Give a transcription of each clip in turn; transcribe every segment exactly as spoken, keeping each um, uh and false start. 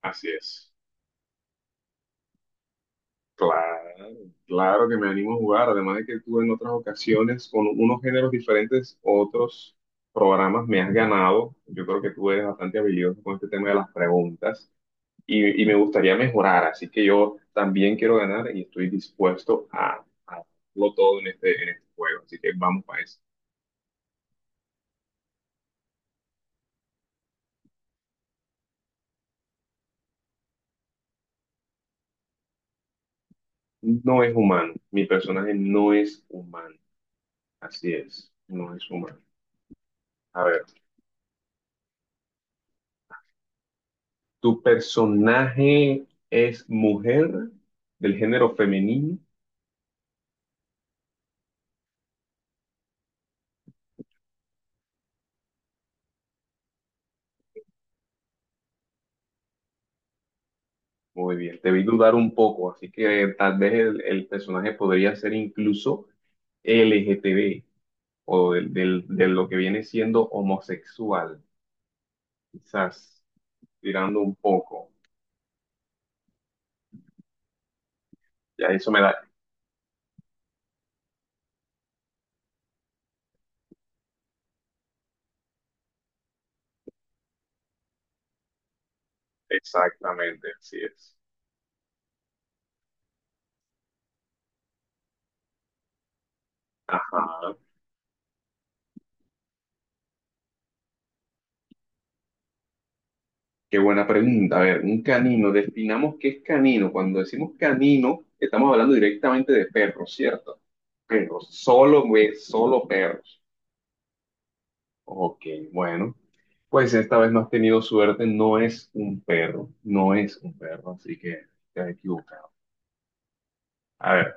Así es. Claro, claro que me animo a jugar. Además de que tú en otras ocasiones, con unos géneros diferentes, otros programas, me has ganado. Yo creo que tú eres bastante habilidoso con este tema de las preguntas y, y me gustaría mejorar. Así que yo también quiero ganar y estoy dispuesto a, a darlo todo en este, en este juego. Así que vamos para eso. No es humano. Mi personaje no es humano. Así es. No es humano. A ver. ¿Tu personaje es mujer del género femenino? Muy bien, te vi dudar un poco, así que tal vez el, el personaje podría ser incluso L G T B o del- del- de lo que viene siendo homosexual, quizás tirando un poco. Ya eso me da exactamente, así es. Ajá. Qué buena pregunta. A ver, un canino, definamos qué es canino. Cuando decimos canino, estamos hablando directamente de perros, ¿cierto? Perros, solo, güey, solo perros. Ok, bueno, pues esta vez no has tenido suerte, no es un perro, no es un perro, así que te has equivocado. A ver,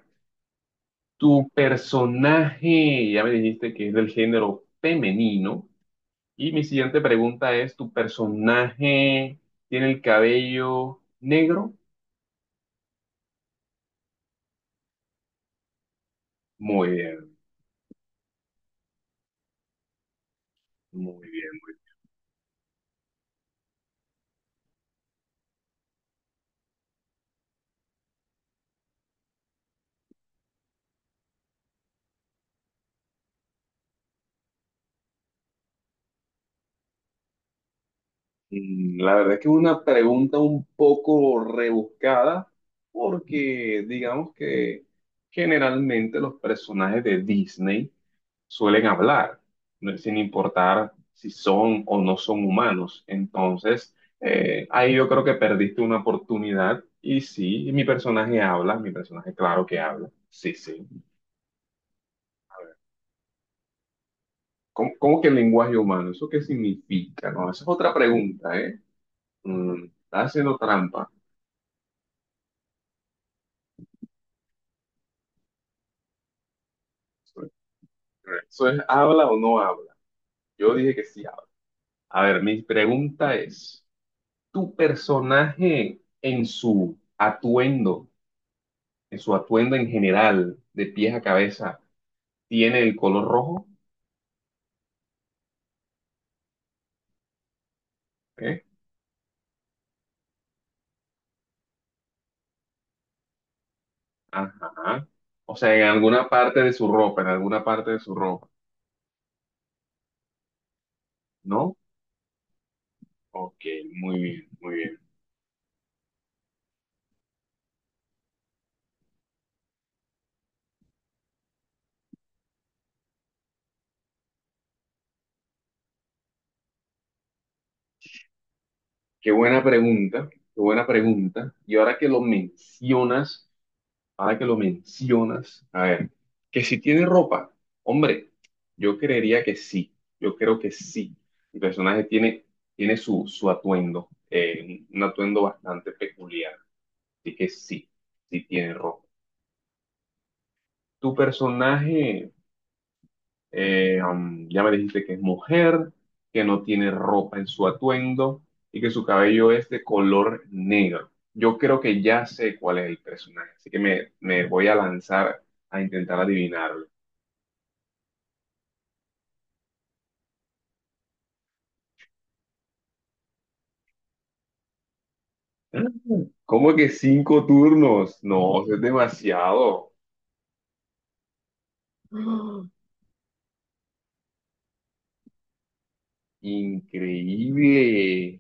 tu personaje, ya me dijiste que es del género femenino, y mi siguiente pregunta es, ¿tu personaje tiene el cabello negro? Muy bien. Muy bien. Mm, La verdad es que es una pregunta un poco rebuscada porque digamos que generalmente los personajes de Disney suelen hablar, ¿no? Sin importar si son o no son humanos. Entonces, eh, ahí yo creo que perdiste una oportunidad y sí, mi personaje habla, mi personaje claro que habla. Sí, sí. A ver, ¿cómo, cómo que lenguaje humano? ¿Eso qué significa? No, esa es otra pregunta, ¿eh? Mm, está haciendo trampa. Eso es, ¿habla o no habla? Yo dije que sí habla. A ver, mi pregunta es, ¿tu personaje en su atuendo, en su atuendo en general, de pies a cabeza, tiene el color rojo? ¿Eh? Ajá. O sea, en alguna parte de su ropa, en alguna parte de su ropa, ¿no? Ok, muy bien, muy bien. Qué buena pregunta, qué buena pregunta. Y ahora que lo mencionas. Ahora que lo mencionas, a ver, que si tiene ropa, hombre, yo creería que sí, yo creo que sí. El personaje tiene, tiene su, su atuendo, eh, un atuendo bastante peculiar, así que sí, sí tiene ropa. Tu personaje, eh, um, ya me dijiste que es mujer, que no tiene ropa en su atuendo y que su cabello es de color negro. Yo creo que ya sé cuál es el personaje, así que me, me voy a lanzar a intentar adivinarlo. ¿Cómo que cinco turnos? No, eso es demasiado. Increíble.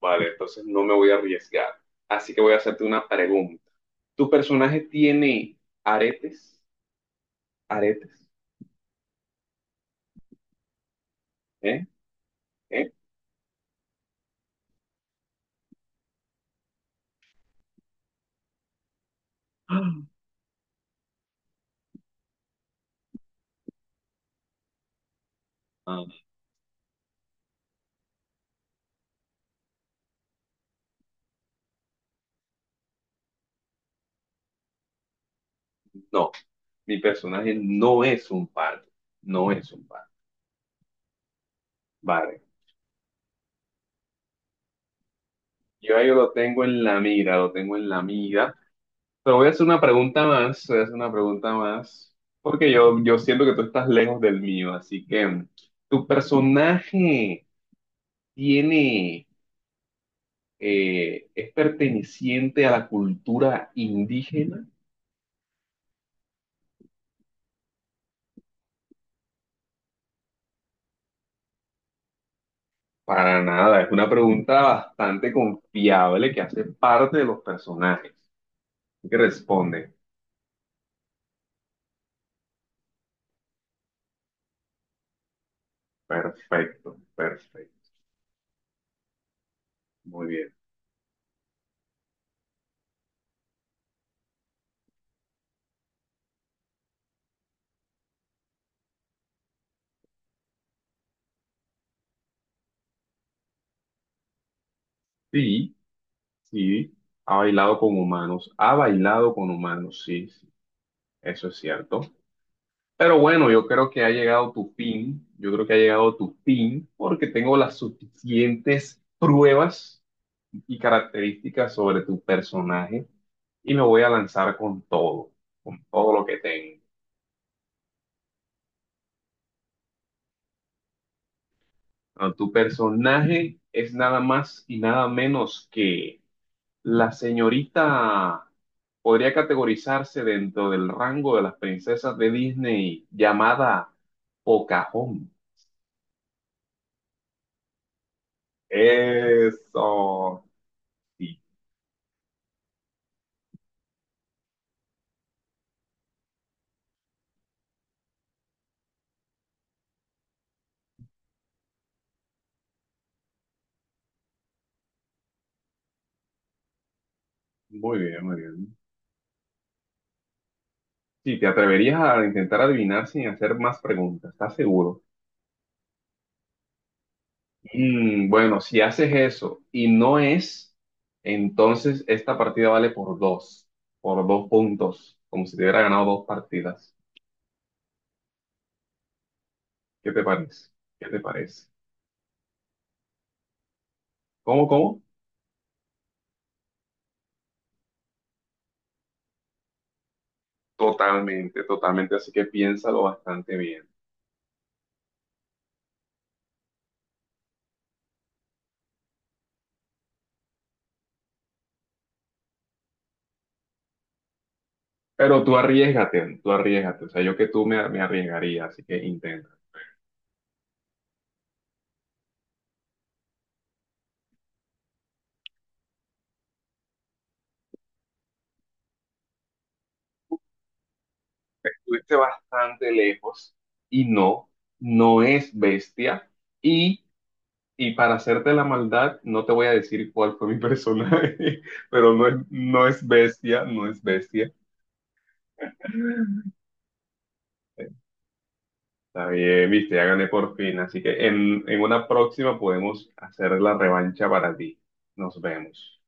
Vale, entonces no me voy a arriesgar. Así que voy a hacerte una pregunta. ¿Tu personaje tiene aretes? ¿Aretes? ¿Eh? ¿Eh? Ah, no, mi personaje no es un pardo. No es un pardo. Vale. Yo ahí lo tengo en la mira, lo tengo en la mira. Te voy a hacer una pregunta más, te voy a hacer una pregunta más, porque yo, yo siento que tú estás lejos del mío, así que mm, ¿tu personaje tiene, eh, es perteneciente a la cultura indígena? Para nada, es una pregunta bastante confiable que hace parte de los personajes. Así que responde, perfecto, perfecto, muy bien. Sí, sí, ha bailado con humanos, ha bailado con humanos, sí, sí, eso es cierto. Pero bueno, yo creo que ha llegado tu fin, yo creo que ha llegado tu fin porque tengo las suficientes pruebas y características sobre tu personaje y me voy a lanzar con todo, con todo lo que tengo. Bueno, tu personaje es nada más y nada menos que la señorita, podría categorizarse dentro del rango de las princesas de Disney llamada Pocahontas. Eso, sí, muy bien, muy bien. Sí, te atreverías a intentar adivinar sin hacer más preguntas, ¿estás seguro? Mm, bueno, si haces eso y no es, entonces esta partida vale por dos, por dos puntos, como si te hubiera ganado dos partidas. ¿Qué te parece? ¿Qué te parece? ¿Cómo, cómo? Totalmente, totalmente, así que piénsalo bastante bien. Pero tú arriesgate, tú arriesgate, o sea, yo que tú me, me arriesgaría, así que intenta. Estuviste bastante lejos y no, no es bestia. Y, y para hacerte la maldad, no te voy a decir cuál fue mi personaje, pero no es, no es bestia, no es bestia. Está bien, viste, ya gané por fin. Así que en, en una próxima podemos hacer la revancha para ti. Nos vemos.